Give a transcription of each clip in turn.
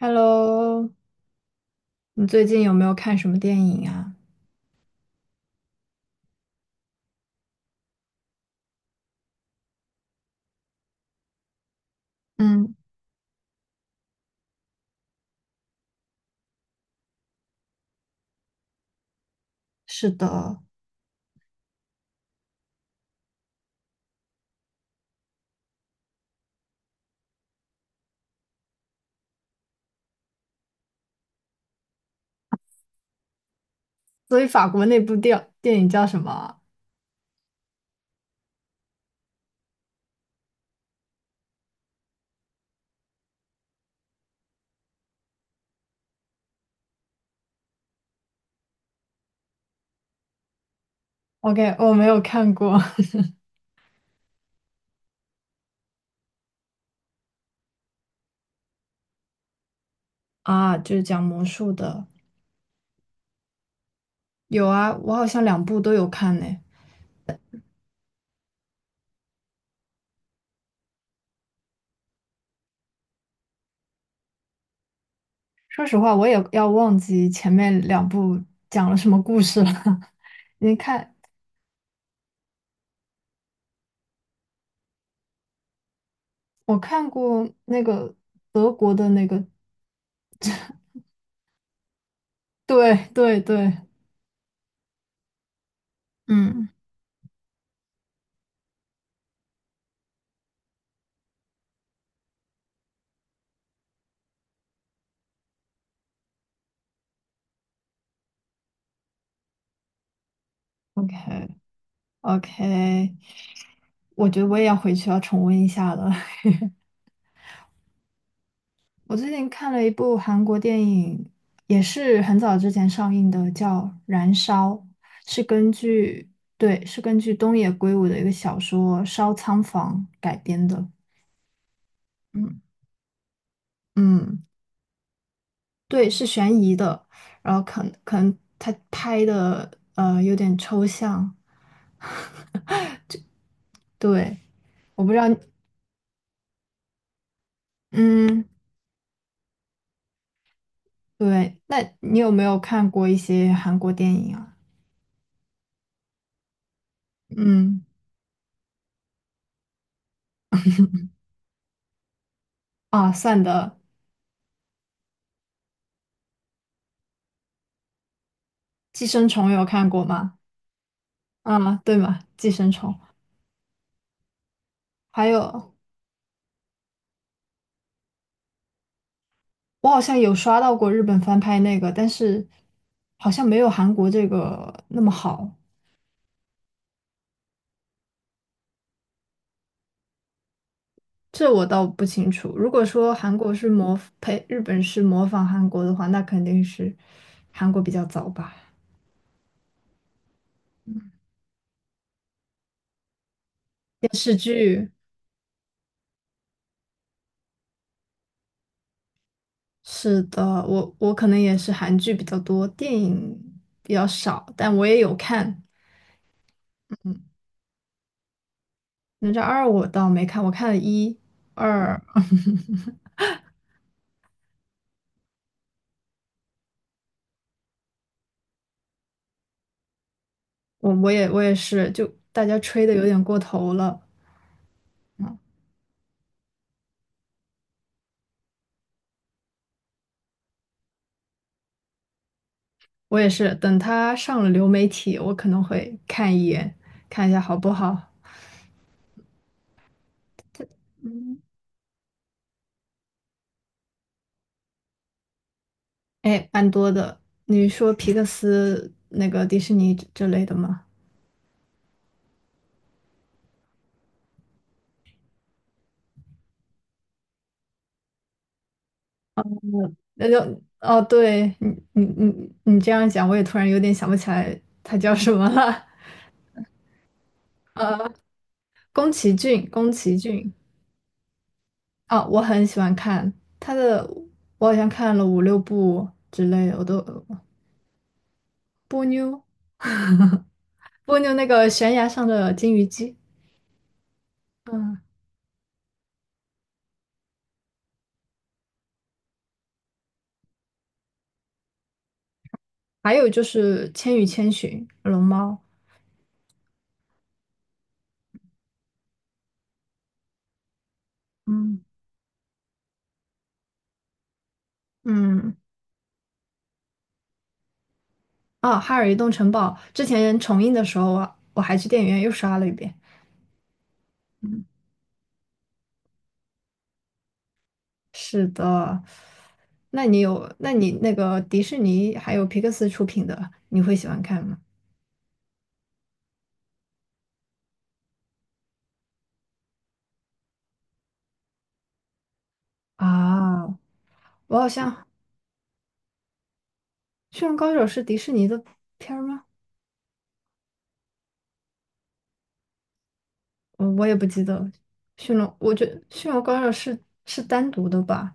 Hello，你最近有没有看什么电影啊？嗯，是的，所以法国那部电影叫什么？ OK 我没有看过。 啊，就是讲魔术的。有啊，我好像两部都有看呢。说实话，我也要忘记前面两部讲了什么故事了。你看，我看过那个德国的那个，对对对。嗯，OK。 OK，我觉得我也要回去要重温一下了。我最近看了一部韩国电影，也是很早之前上映的，叫《燃烧》，是根据，对，是根据东野圭吾的一个小说《烧仓房》改编的。嗯。嗯，对，是悬疑的，然后可能他拍的有点抽象。对，我不知道，嗯，对，那你有没有看过一些韩国电影啊？嗯，啊，算的，《寄生虫》有看过吗？啊，对嘛，寄生虫。还有，我好像有刷到过日本翻拍那个，但是好像没有韩国这个那么好，这我倒不清楚。如果说韩国是模呸，日本是模仿韩国的话，那肯定是韩国比较早吧。电视剧。是的，我可能也是韩剧比较多，电影比较少，但我也有看。嗯，哪吒二我倒没看，我看了一、嗯二、我也是，就大家吹的有点过头了。我也是，等他上了流媒体，我可能会看一眼，看一下好不好。嗯，哎，蛮多的。你说皮克斯那个迪士尼之类的吗？那就哦，对你你这样讲，我也突然有点想不起来他叫什么了。呃，宫崎骏，宫崎骏。啊，我很喜欢看他的，我好像看了五六部之类的，我都波妞蜗牛那个悬崖上的金鱼姬，嗯，还有就是《千与千寻》龙猫，嗯，嗯，啊，哈尔移动城堡，之前重映的时候啊，我还去电影院又刷了一遍。嗯。是的，那你有，那你那个迪士尼还有皮克斯出品的，你会喜欢看吗？啊，我好像《驯龙高手》是迪士尼的片儿吗？我我也不记得了，《驯龙》我觉得《驯龙高手》是单独的吧？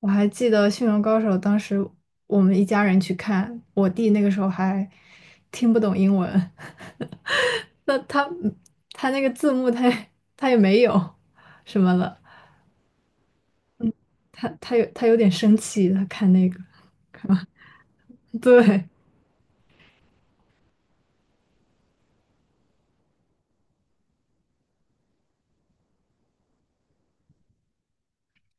我还记得《驯龙高手》，当时我们一家人去看，我弟那个时候还听不懂英文，那他他那个字幕他也没有什么了，他有点生气，他看那个，对，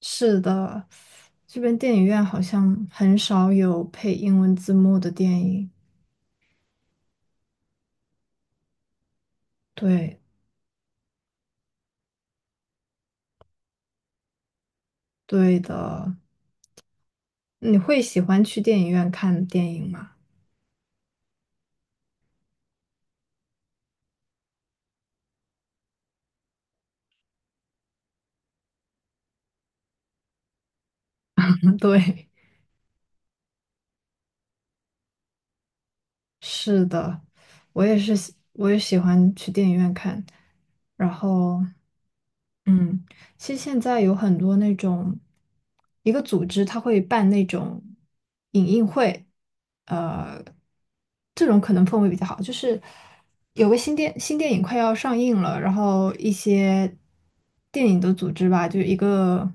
是的，这边电影院好像很少有配英文字幕的电影，对。对的，你会喜欢去电影院看电影吗？对。是的，我也是喜，我也喜欢去电影院看。然后，嗯，其实现在有很多那种，一个组织它会办那种影映会，这种可能氛围比较好。就是有个新电新电影快要上映了，然后一些电影的组织吧，就一个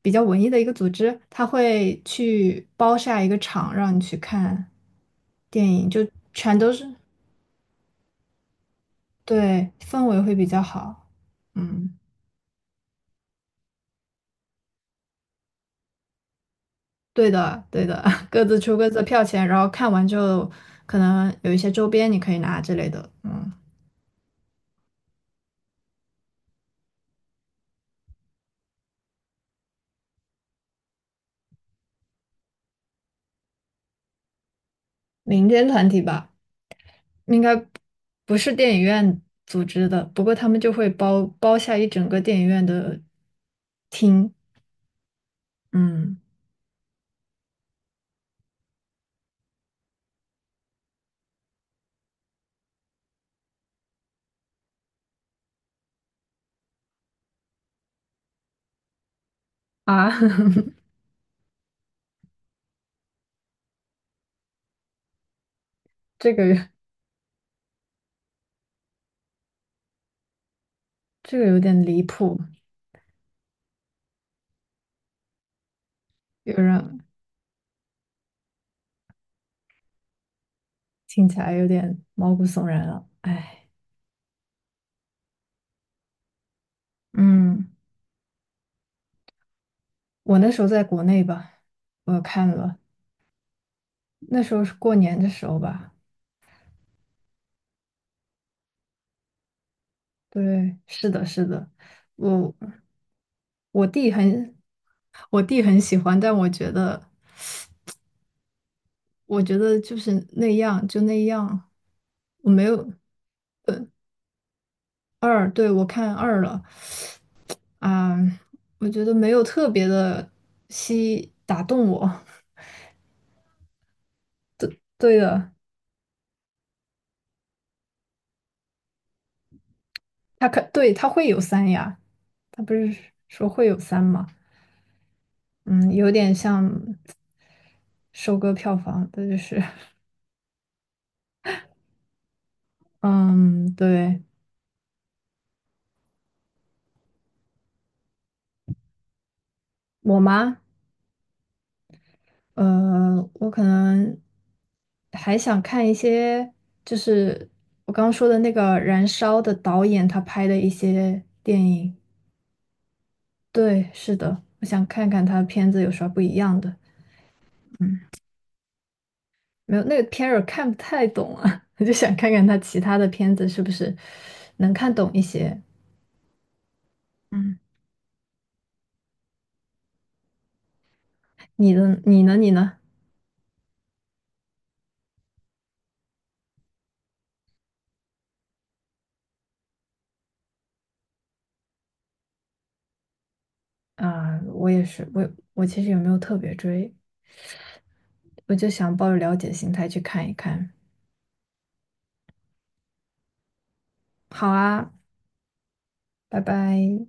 比较文艺的一个组织，他会去包下一个场让你去看电影，就全都是。对，氛围会比较好。嗯，对的，对的，各自出各自的票钱，然后看完之后，可能有一些周边你可以拿之类的。嗯，民间团体吧，应该不是电影院组织的，不过他们就会包下一整个电影院的厅。嗯。啊，这个这个有点离谱，有人听起来有点毛骨悚然了。哎，嗯，我那时候在国内吧，我看了。那时候是过年的时候吧？对，是的，是的，我我弟很我弟很喜欢，但我觉得就是那样就那样，我没有二，对，我看二了。啊，我觉得没有特别的吸打动我。对的，他可对他会有三呀，他不是说会有三吗？嗯，有点像收割票房，的就是。 嗯，对。我妈。我可能还想看一些，就是我刚刚说的那个《燃烧》的导演他拍的一些电影。对，是的，我想看看他的片子有啥不一样的。嗯，没有，那个片儿我看不太懂啊，我就想看看他其他的片子是不是能看懂一些。嗯，你的你呢？你呢？啊，我也是，我我其实也没有特别追，我就想抱着了解心态去看一看。好啊，拜拜。